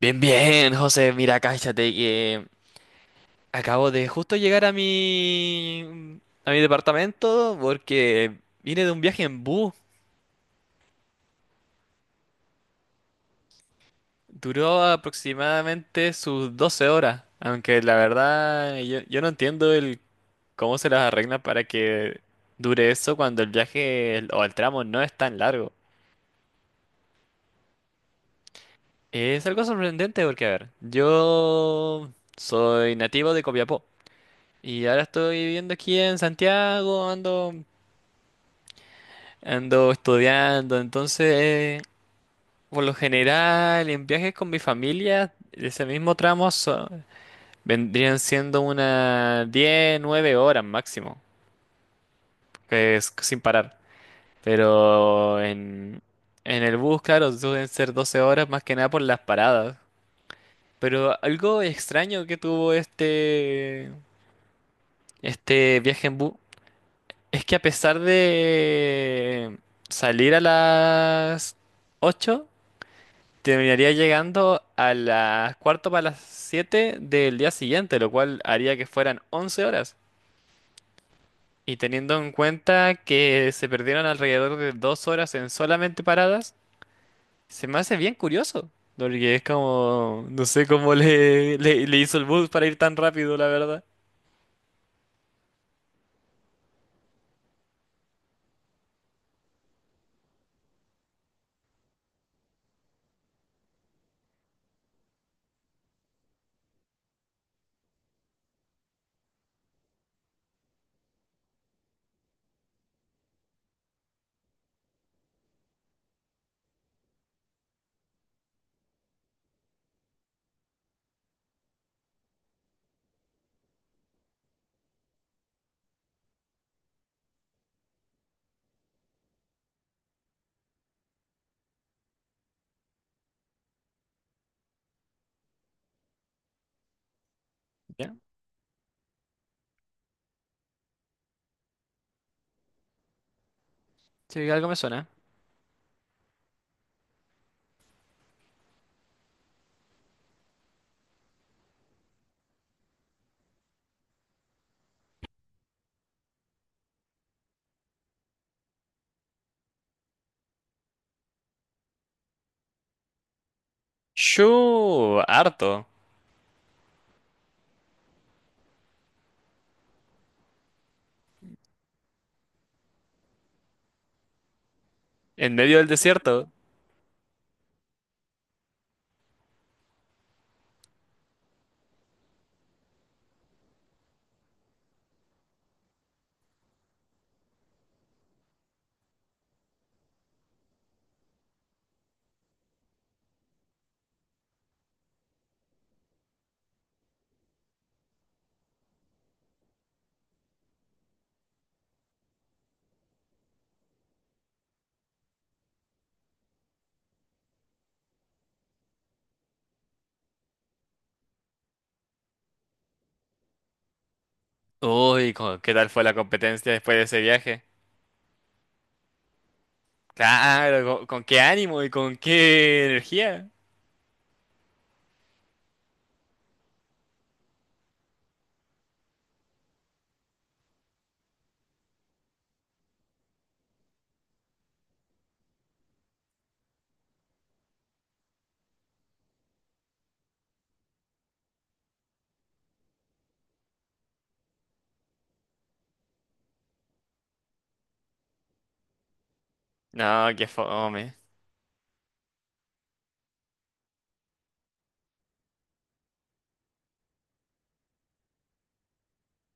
Bien, bien, José, mira, cállate que acabo de justo llegar a mi departamento porque vine de un viaje en bus. Duró aproximadamente sus 12 horas, aunque la verdad yo no entiendo el cómo se las arreglan para que dure eso cuando el viaje o el tramo no es tan largo. Es algo sorprendente porque, a ver, yo soy nativo de Copiapó y ahora estoy viviendo aquí en Santiago, ando estudiando. Entonces, por lo general, en viajes con mi familia, ese mismo tramo vendrían siendo unas 10 9 horas máximo, que es sin parar. Pero en el bus, claro, suelen ser 12 horas más que nada por las paradas. Pero algo extraño que tuvo este viaje en bus es que, a pesar de salir a las 8, terminaría llegando a las cuarto para las 7 del día siguiente, lo cual haría que fueran 11 horas. Y teniendo en cuenta que se perdieron alrededor de 2 horas en solamente paradas, se me hace bien curioso. Porque es como, no sé cómo le, le hizo el bus para ir tan rápido, la verdad. ¿Ya? Sí, algo me suena. Yo, harto. En medio del desierto. Uy, ¿qué tal fue la competencia después de ese viaje? Claro, ¿con qué ánimo y con qué energía? No, qué fome.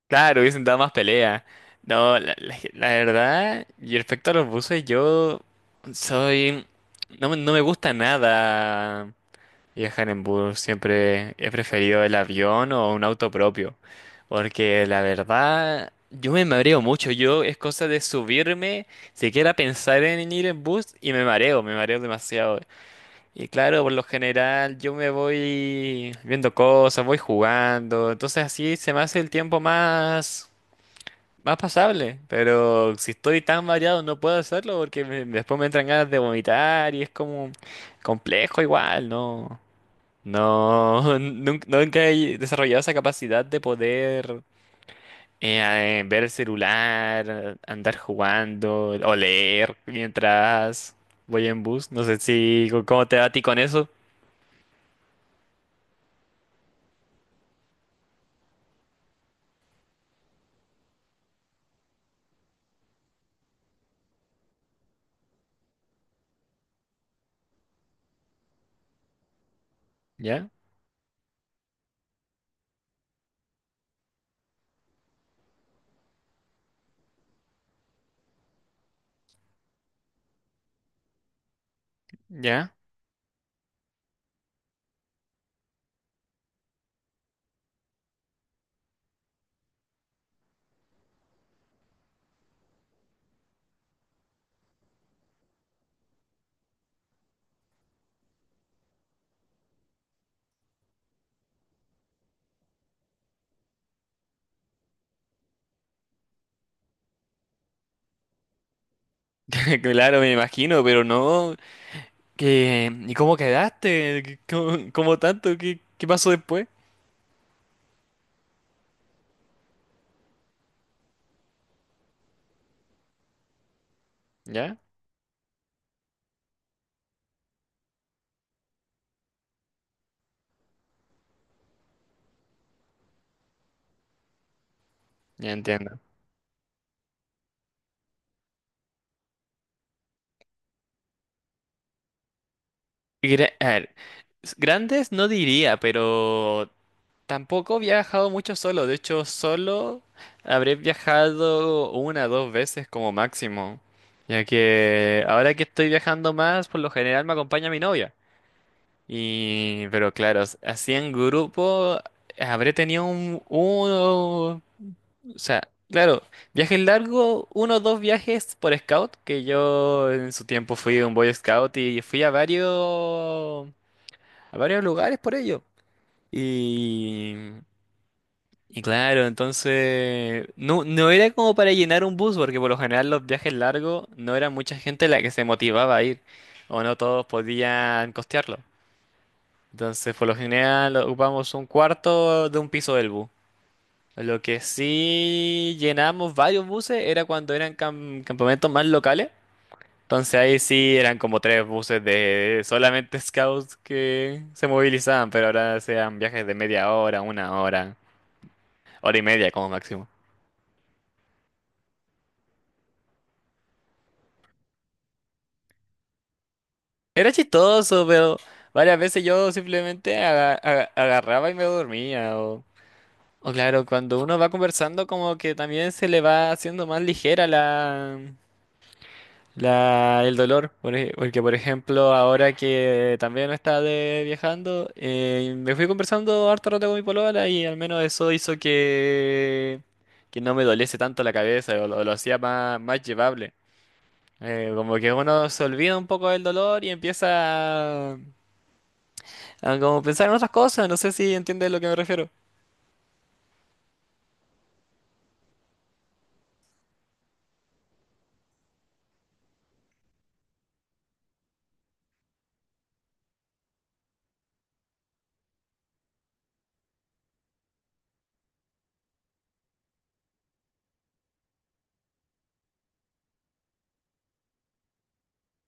Claro, hubiesen dado más pelea. No, la verdad. Y respecto a los buses, yo soy... No, no me gusta nada viajar en bus. Siempre he preferido el avión o un auto propio. Porque la verdad, yo me mareo mucho. Yo es cosa de subirme, siquiera pensar en ir en bus y me mareo demasiado. Y claro, por lo general yo me voy viendo cosas, voy jugando, entonces así se me hace el tiempo más pasable. Pero si estoy tan variado no puedo hacerlo porque después me entran ganas de vomitar y es como complejo igual, ¿no? No, nunca, nunca he desarrollado esa capacidad de poder ver el celular, andar jugando o leer mientras voy en bus. No sé si cómo te va a ti con eso. ¿Ya? Ya, claro, me imagino. Pero no, que, ¿y cómo quedaste? Cómo, cómo tanto? ¿Qué, qué pasó después? Ya, ya entiendo. A ver, grandes no diría, pero tampoco he viajado mucho solo. De hecho, solo habré viajado una dos veces como máximo. Ya que ahora que estoy viajando más, por lo general me acompaña mi novia. Y, pero claro, así en grupo habré tenido uno, o sea, claro, viajes largos, uno o dos viajes por scout, que yo en su tiempo fui un boy scout y fui a varios lugares por ello. Y, y claro. Entonces, no, no era como para llenar un bus, porque por lo general los viajes largos no era mucha gente la que se motivaba a ir, o no todos podían costearlo. Entonces, por lo general, ocupamos un cuarto de un piso del bus. Lo que sí llenamos varios buses era cuando eran campamentos más locales. Entonces ahí sí eran como tres buses de solamente scouts que se movilizaban, pero ahora sean viajes de media hora, una hora, hora y media como máximo. Era chistoso, pero varias veces yo simplemente agarraba y me dormía. O claro, cuando uno va conversando como que también se le va haciendo más ligera el dolor. Porque por ejemplo, ahora que también está de viajando, me fui conversando harto rato con mi polola y al menos eso hizo que no me doliese tanto la cabeza, o lo hacía más llevable. Como que uno se olvida un poco del dolor y empieza a como pensar en otras cosas, no sé si entiendes a lo que me refiero.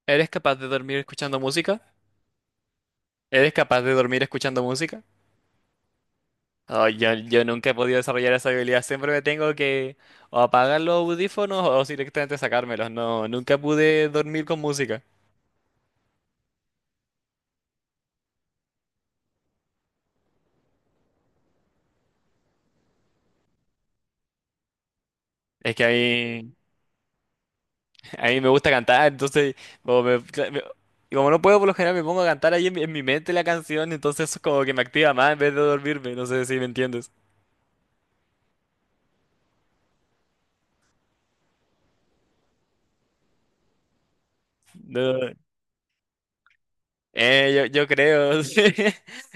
¿Eres capaz de dormir escuchando música? ¿Eres capaz de dormir escuchando música? Ay, yo nunca he podido desarrollar esa habilidad. Siempre me tengo que o apagar los audífonos o directamente sacármelos. No, nunca pude dormir con música. Es que a mí me gusta cantar. Entonces como, y como no puedo, por lo general me pongo a cantar ahí en mi mente la canción, entonces eso como que me activa más en vez de dormirme. No sé si me entiendes. No, yo creo, sí.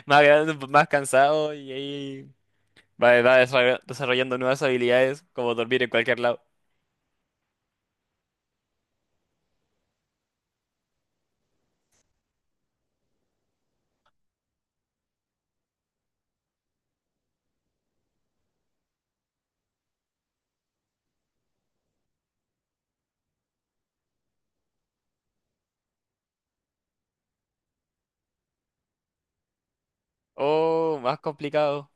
Más grande, más cansado y ahí va desarrollando nuevas habilidades como dormir en cualquier lado. Oh, más complicado.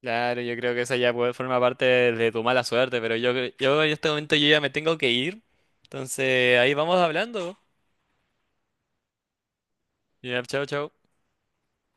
Claro, yo creo que esa ya puede, forma parte de tu mala suerte. Pero yo en este momento yo ya me tengo que ir. Entonces, ahí vamos hablando. Ya, chao, chao.